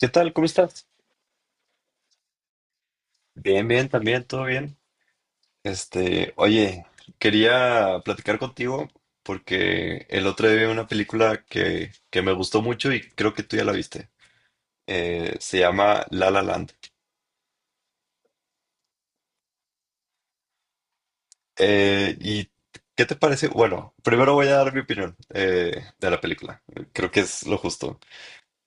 ¿Qué tal? ¿Cómo estás? Bien, bien, también, todo bien. Oye, quería platicar contigo porque el otro día vi una película que me gustó mucho y creo que tú ya la viste. Se llama La La Land. ¿Y qué te parece? Bueno, primero voy a dar mi opinión de la película. Creo que es lo justo.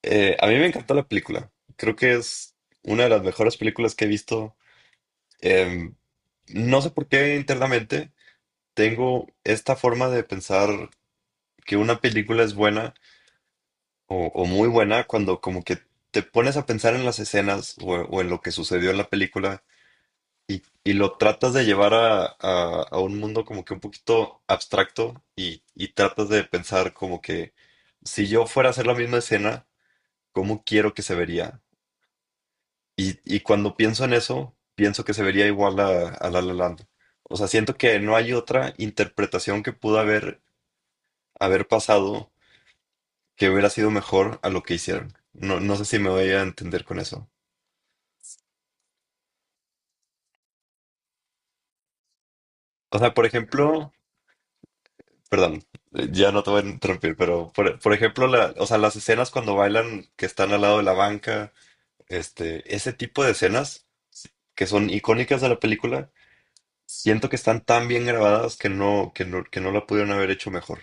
A mí me encantó la película. Creo que es una de las mejores películas que he visto. Em, no sé por qué internamente. Tengo esta forma de pensar que una película es buena o muy buena cuando como que te pones a pensar en las escenas o en lo que sucedió en la película y lo tratas de llevar a un mundo como que un poquito abstracto y tratas de pensar como que si yo fuera a hacer la misma escena, ¿cómo quiero que se vería? Y cuando pienso en eso, pienso que se vería igual a La La Land. O sea, siento que no hay otra interpretación que pudo haber pasado que hubiera sido mejor a lo que hicieron. No, no sé si me voy a entender con eso. O sea, por ejemplo, perdón, ya no te voy a interrumpir, pero por ejemplo, o sea, las escenas cuando bailan que están al lado de la banca, ese tipo de escenas que son icónicas de la película, siento que están tan bien grabadas que no la pudieron haber hecho mejor.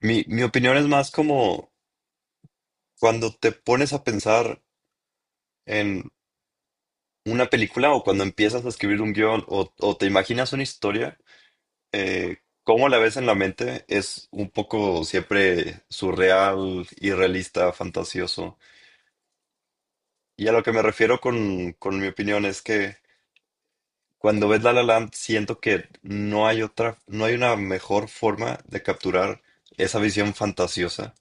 Mi opinión es más como cuando te pones a pensar en una película o cuando empiezas a escribir un guión o te imaginas una historia eh, cómo la ves en la mente es un poco siempre surreal, irrealista, fantasioso. Y a lo que me refiero con mi opinión es que cuando ves La La Land siento que no hay otra, no hay una mejor forma de capturar esa visión fantasiosa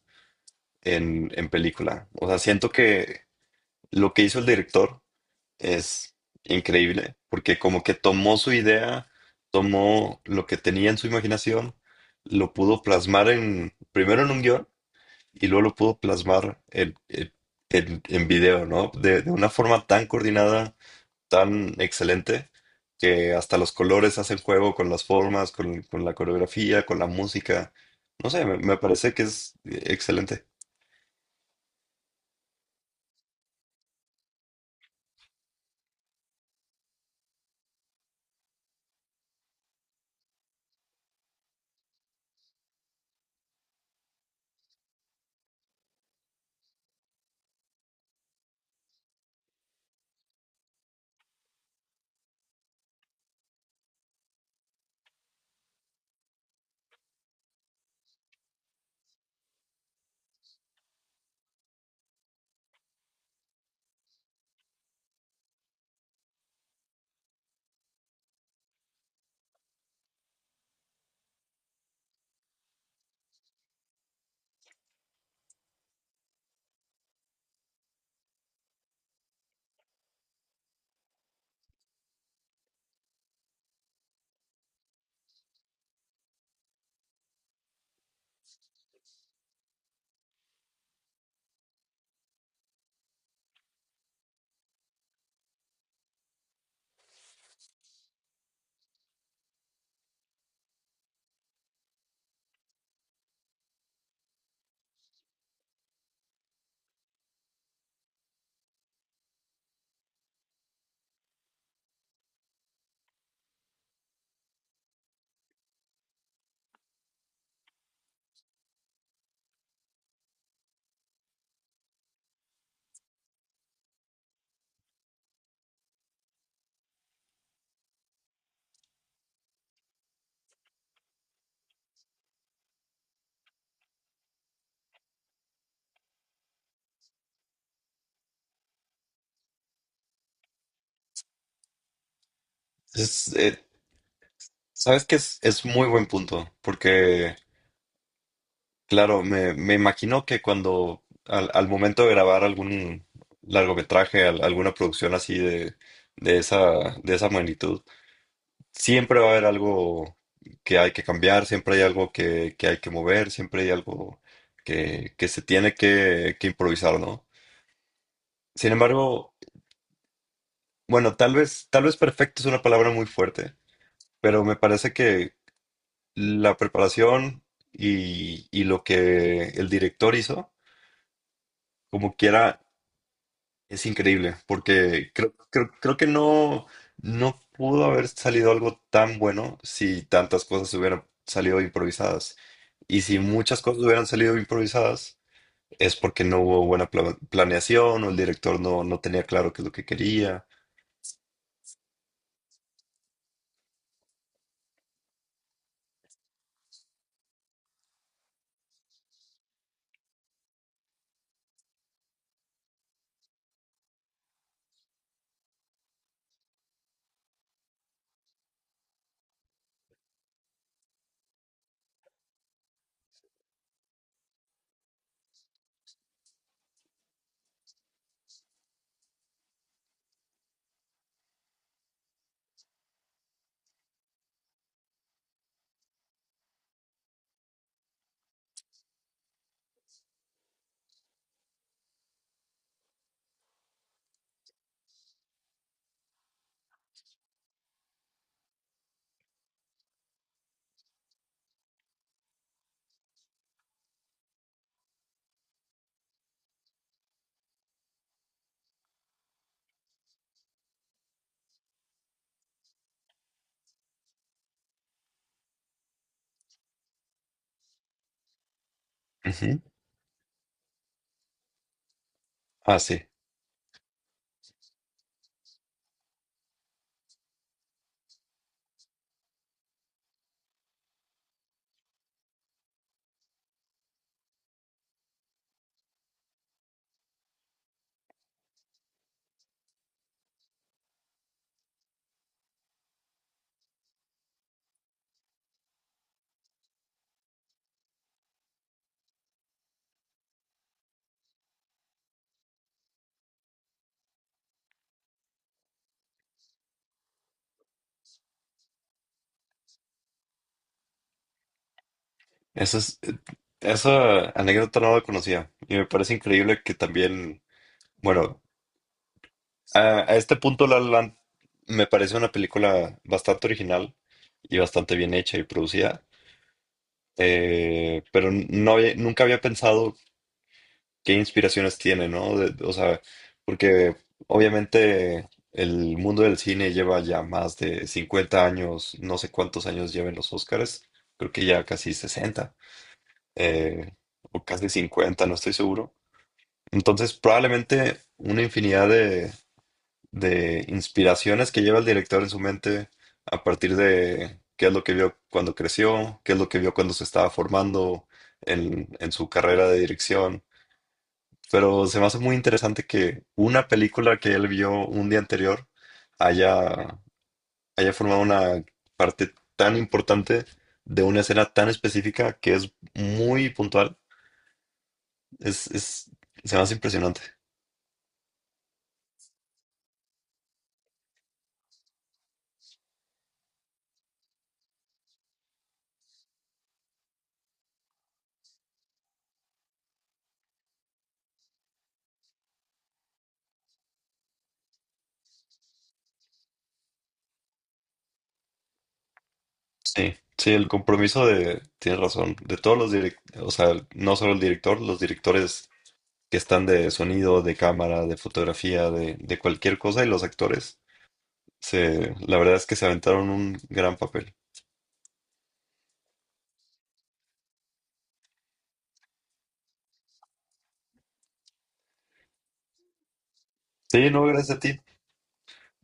en película. O sea, siento que lo que hizo el director es increíble, porque como que tomó su idea, tomó lo que tenía en su imaginación, lo pudo plasmar primero en un guión y luego lo pudo plasmar en video, ¿no? De una forma tan coordinada, tan excelente, que hasta los colores hacen juego con las formas, con la coreografía, con la música. No sé, me parece que es excelente. Es, eh, ¿Sabes que es muy buen punto, porque... Claro, me imagino que cuando al momento de grabar algún largometraje, alguna producción así de esa magnitud, siempre va a haber algo que hay que cambiar, siempre hay algo que hay que mover, siempre hay algo que se tiene que improvisar, ¿no? Sin embargo, bueno, tal vez perfecto es una palabra muy fuerte, pero me parece que la preparación y lo que el director hizo, como quiera es increíble, porque creo que no, no pudo haber salido algo tan bueno si tantas cosas hubieran salido improvisadas. Y si muchas cosas hubieran salido improvisadas, es porque no hubo buena planeación o el director no, no tenía claro qué es lo que quería. Ujú. Ah, sí. Eso es, esa anécdota no la conocía. Y me parece increíble que también, bueno, a este punto, La La Land me parece una película bastante original y bastante bien hecha y producida, pero nunca había pensado qué inspiraciones tiene, ¿no? O sea, porque obviamente el mundo del cine lleva ya más de 50 años, no sé cuántos años lleven los Óscares, creo que ya casi 60 eh, o casi 50 no estoy seguro. Entonces, probablemente una infinidad de inspiraciones que lleva el director en su mente a partir de qué es lo que vio cuando creció, qué es lo que vio cuando se estaba formando en su carrera de dirección. Pero se me hace muy interesante que una película que él vio un día anterior haya, haya formado una parte tan importante de una escena tan específica que es muy puntual. Es, es, Se me hace impresionante. Sí, sí, el compromiso de, tienes razón, de todos los directores, o sea, no solo el director, los directores que están de sonido, de cámara, de fotografía, de cualquier cosa y los actores, la verdad es que se aventaron un gran papel. Sí, no, gracias a ti.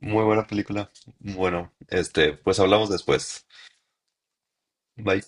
Muy buena película. Bueno, pues hablamos después. Bye.